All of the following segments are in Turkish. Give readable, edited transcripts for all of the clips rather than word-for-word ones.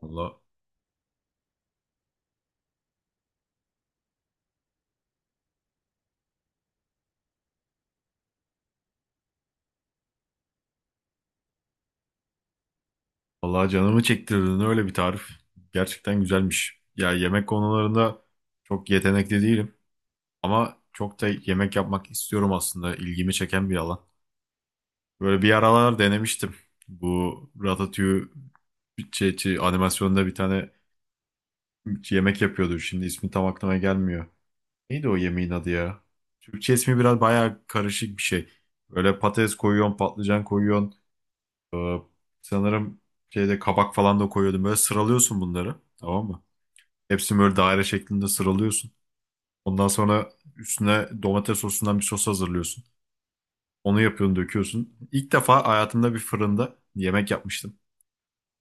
Valla, vallahi canımı çektirdin öyle bir tarif. Gerçekten güzelmiş. Ya yemek konularında çok yetenekli değilim. Ama çok da yemek yapmak istiyorum aslında. İlgimi çeken bir alan. Böyle bir aralar denemiştim. Bu Ratatouille animasyonda bir tane yemek yapıyordu. Şimdi ismi tam aklıma gelmiyor. Neydi o yemeğin adı ya? Türkçe ismi biraz bayağı karışık bir şey. Böyle patates koyuyorsun, patlıcan koyuyorsun. Ee, sanırım şeyde kabak falan da koyuyordum. Böyle sıralıyorsun bunları. Tamam mı? Hepsini böyle daire şeklinde sıralıyorsun. Ondan sonra üstüne domates sosundan bir sos hazırlıyorsun. Onu yapıyorsun, döküyorsun. İlk defa hayatımda bir fırında yemek yapmıştım.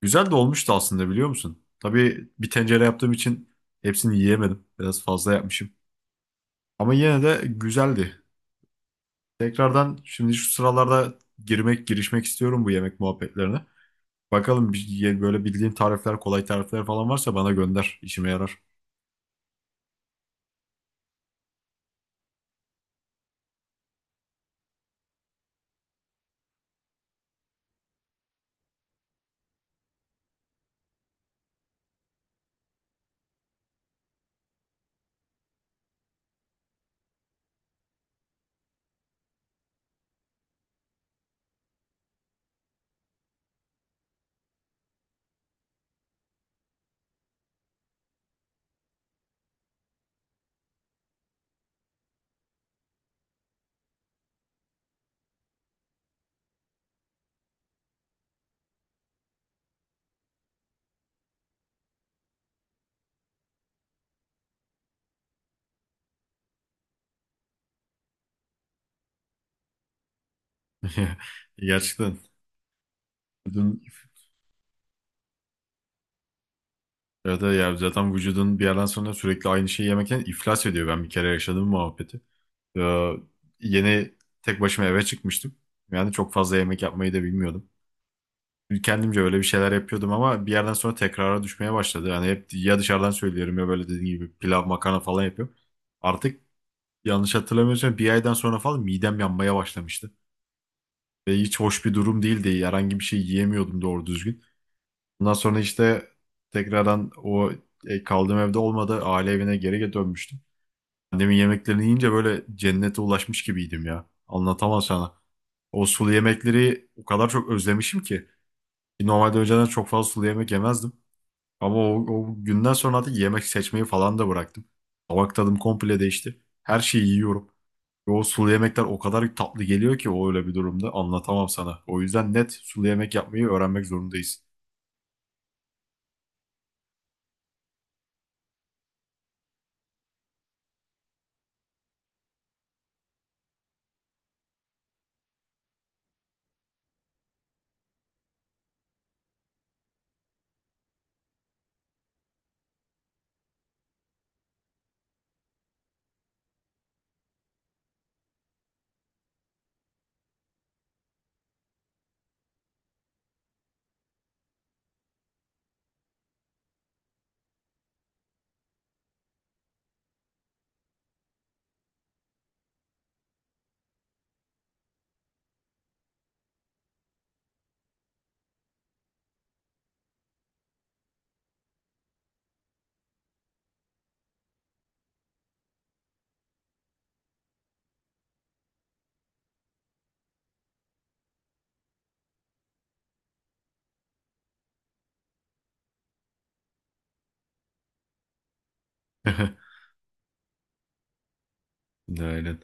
Güzel de olmuştu aslında biliyor musun? Tabii bir tencere yaptığım için hepsini yiyemedim. Biraz fazla yapmışım. Ama yine de güzeldi. Tekrardan şimdi şu sıralarda girişmek istiyorum bu yemek muhabbetlerine. Bakalım böyle bildiğin tarifler, kolay tarifler falan varsa bana gönder. İşime yarar. Gerçekten. Vücudun, evet, evet ya zaten vücudun bir yerden sonra sürekli aynı şeyi yemekten iflas ediyor. Ben bir kere yaşadığım muhabbeti. Ee, yeni tek başıma eve çıkmıştım. Yani çok fazla yemek yapmayı da bilmiyordum. Kendimce öyle bir şeyler yapıyordum ama bir yerden sonra tekrara düşmeye başladı. Yani hep ya dışarıdan söylüyorum ya böyle dediğin gibi pilav, makarna falan yapıyorum. Artık yanlış hatırlamıyorsam bir aydan sonra falan midem yanmaya başlamıştı. Ve hiç hoş bir durum değildi. Herhangi bir şey yiyemiyordum doğru düzgün. Ondan sonra işte tekrardan kaldığım evde olmadı. Aile evine geri dönmüştüm. Annemin yemeklerini yiyince böyle cennete ulaşmış gibiydim ya. Anlatamam sana. O sulu yemekleri o kadar çok özlemişim ki. Normalde önceden çok fazla sulu yemek yemezdim. Ama o günden sonra artık yemek seçmeyi falan da bıraktım. Tabak tadım komple değişti. Her şeyi yiyorum. O sulu yemekler o kadar tatlı geliyor ki o öyle bir durumda anlatamam sana. O yüzden net sulu yemek yapmayı öğrenmek zorundayız. Aynen.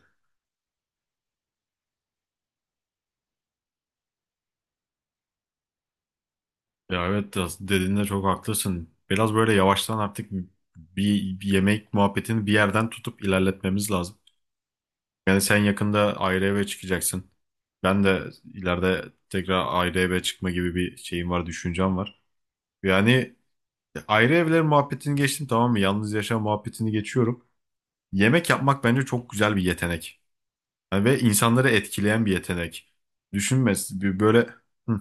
Ya evet biraz dediğinde çok haklısın. Biraz böyle yavaştan artık bir yemek muhabbetini bir yerden tutup ilerletmemiz lazım. Yani sen yakında ayrı eve çıkacaksın. Ben de ileride tekrar ayrı eve çıkma gibi bir şeyim var, düşüncem var. Yani ayrı evler muhabbetini geçtim tamam mı? Yalnız yaşam muhabbetini geçiyorum. Yemek yapmak bence çok güzel bir yetenek. Yani ve insanları etkileyen bir yetenek. Düşünmez bir böyle. Hı.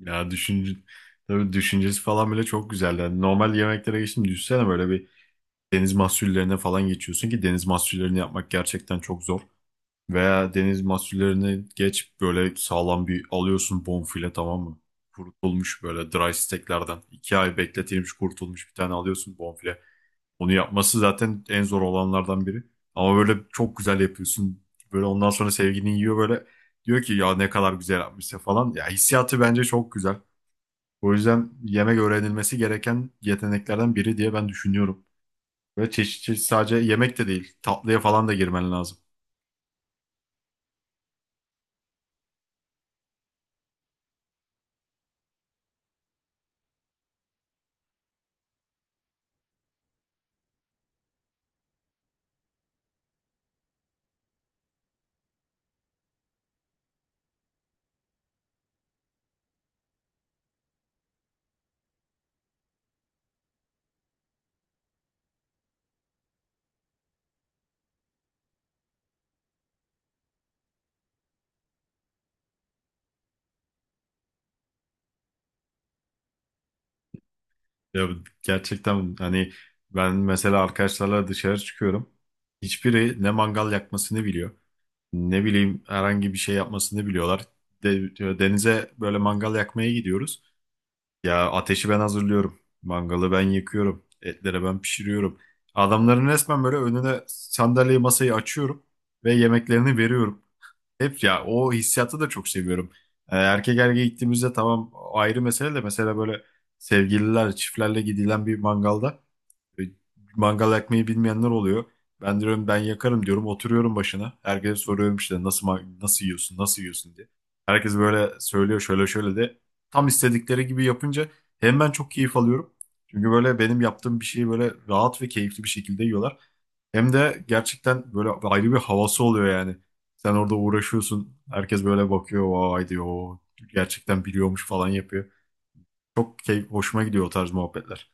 Ya düşünce tabii düşüncesi falan bile çok güzel. Yani normal yemeklere geçtim düşünsene böyle bir deniz mahsullerine falan geçiyorsun ki deniz mahsullerini yapmak gerçekten çok zor. Veya deniz mahsullerini geç böyle sağlam bir alıyorsun bonfile tamam mı? Kurutulmuş böyle dry steaklerden. 2 ay bekletilmiş kurutulmuş bir tane alıyorsun bonfile. Onu yapması zaten en zor olanlardan biri. Ama böyle çok güzel yapıyorsun. Böyle ondan sonra sevgilin yiyor böyle. Diyor ki ya ne kadar güzel yapmışsın falan. Ya hissiyatı bence çok güzel. O yüzden yemek öğrenilmesi gereken yeteneklerden biri diye ben düşünüyorum. Böyle çeşit çeşit sadece yemek de değil. Tatlıya falan da girmen lazım. Ya gerçekten hani ben mesela arkadaşlarla dışarı çıkıyorum. Hiçbiri ne mangal yakmasını biliyor. Ne bileyim herhangi bir şey yapmasını biliyorlar. Diyor, denize böyle mangal yakmaya gidiyoruz. Ya ateşi ben hazırlıyorum. Mangalı ben yakıyorum. Etleri ben pişiriyorum. Adamların resmen böyle önüne sandalyeyi masayı açıyorum ve yemeklerini veriyorum. Hep ya o hissiyatı da çok seviyorum. Erkek erkeğe gittiğimizde tamam ayrı mesele de mesela böyle sevgililer çiftlerle gidilen bir mangalda e, mangal yakmayı bilmeyenler oluyor. Ben diyorum ben yakarım diyorum oturuyorum başına. Herkese soruyorum işte nasıl nasıl yiyorsun nasıl yiyorsun diye. Herkes böyle söylüyor şöyle şöyle de tam istedikleri gibi yapınca hem ben çok keyif alıyorum. Çünkü böyle benim yaptığım bir şeyi böyle rahat ve keyifli bir şekilde yiyorlar. Hem de gerçekten böyle ayrı bir havası oluyor yani. Sen orada uğraşıyorsun. Herkes böyle bakıyor. Vay diyor. "O gerçekten biliyormuş" falan yapıyor. Hoşuma gidiyor o tarz muhabbetler.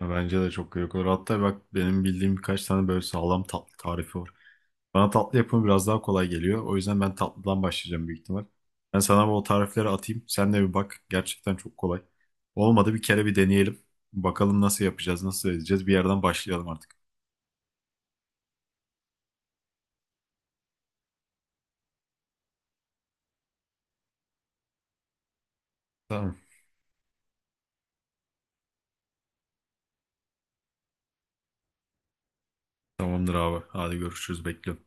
Ya bence de çok gerek olur. Hatta bak benim bildiğim birkaç tane böyle sağlam tatlı tarifi var. Bana tatlı yapımı biraz daha kolay geliyor. O yüzden ben tatlıdan başlayacağım büyük ihtimal. Ben sana bu tarifleri atayım. Sen de bir bak. Gerçekten çok kolay. Olmadı bir kere bir deneyelim. Bakalım nasıl yapacağız, nasıl edeceğiz. Bir yerden başlayalım artık. Tamam. Tamamdır abi. Hadi görüşürüz. Bekliyorum.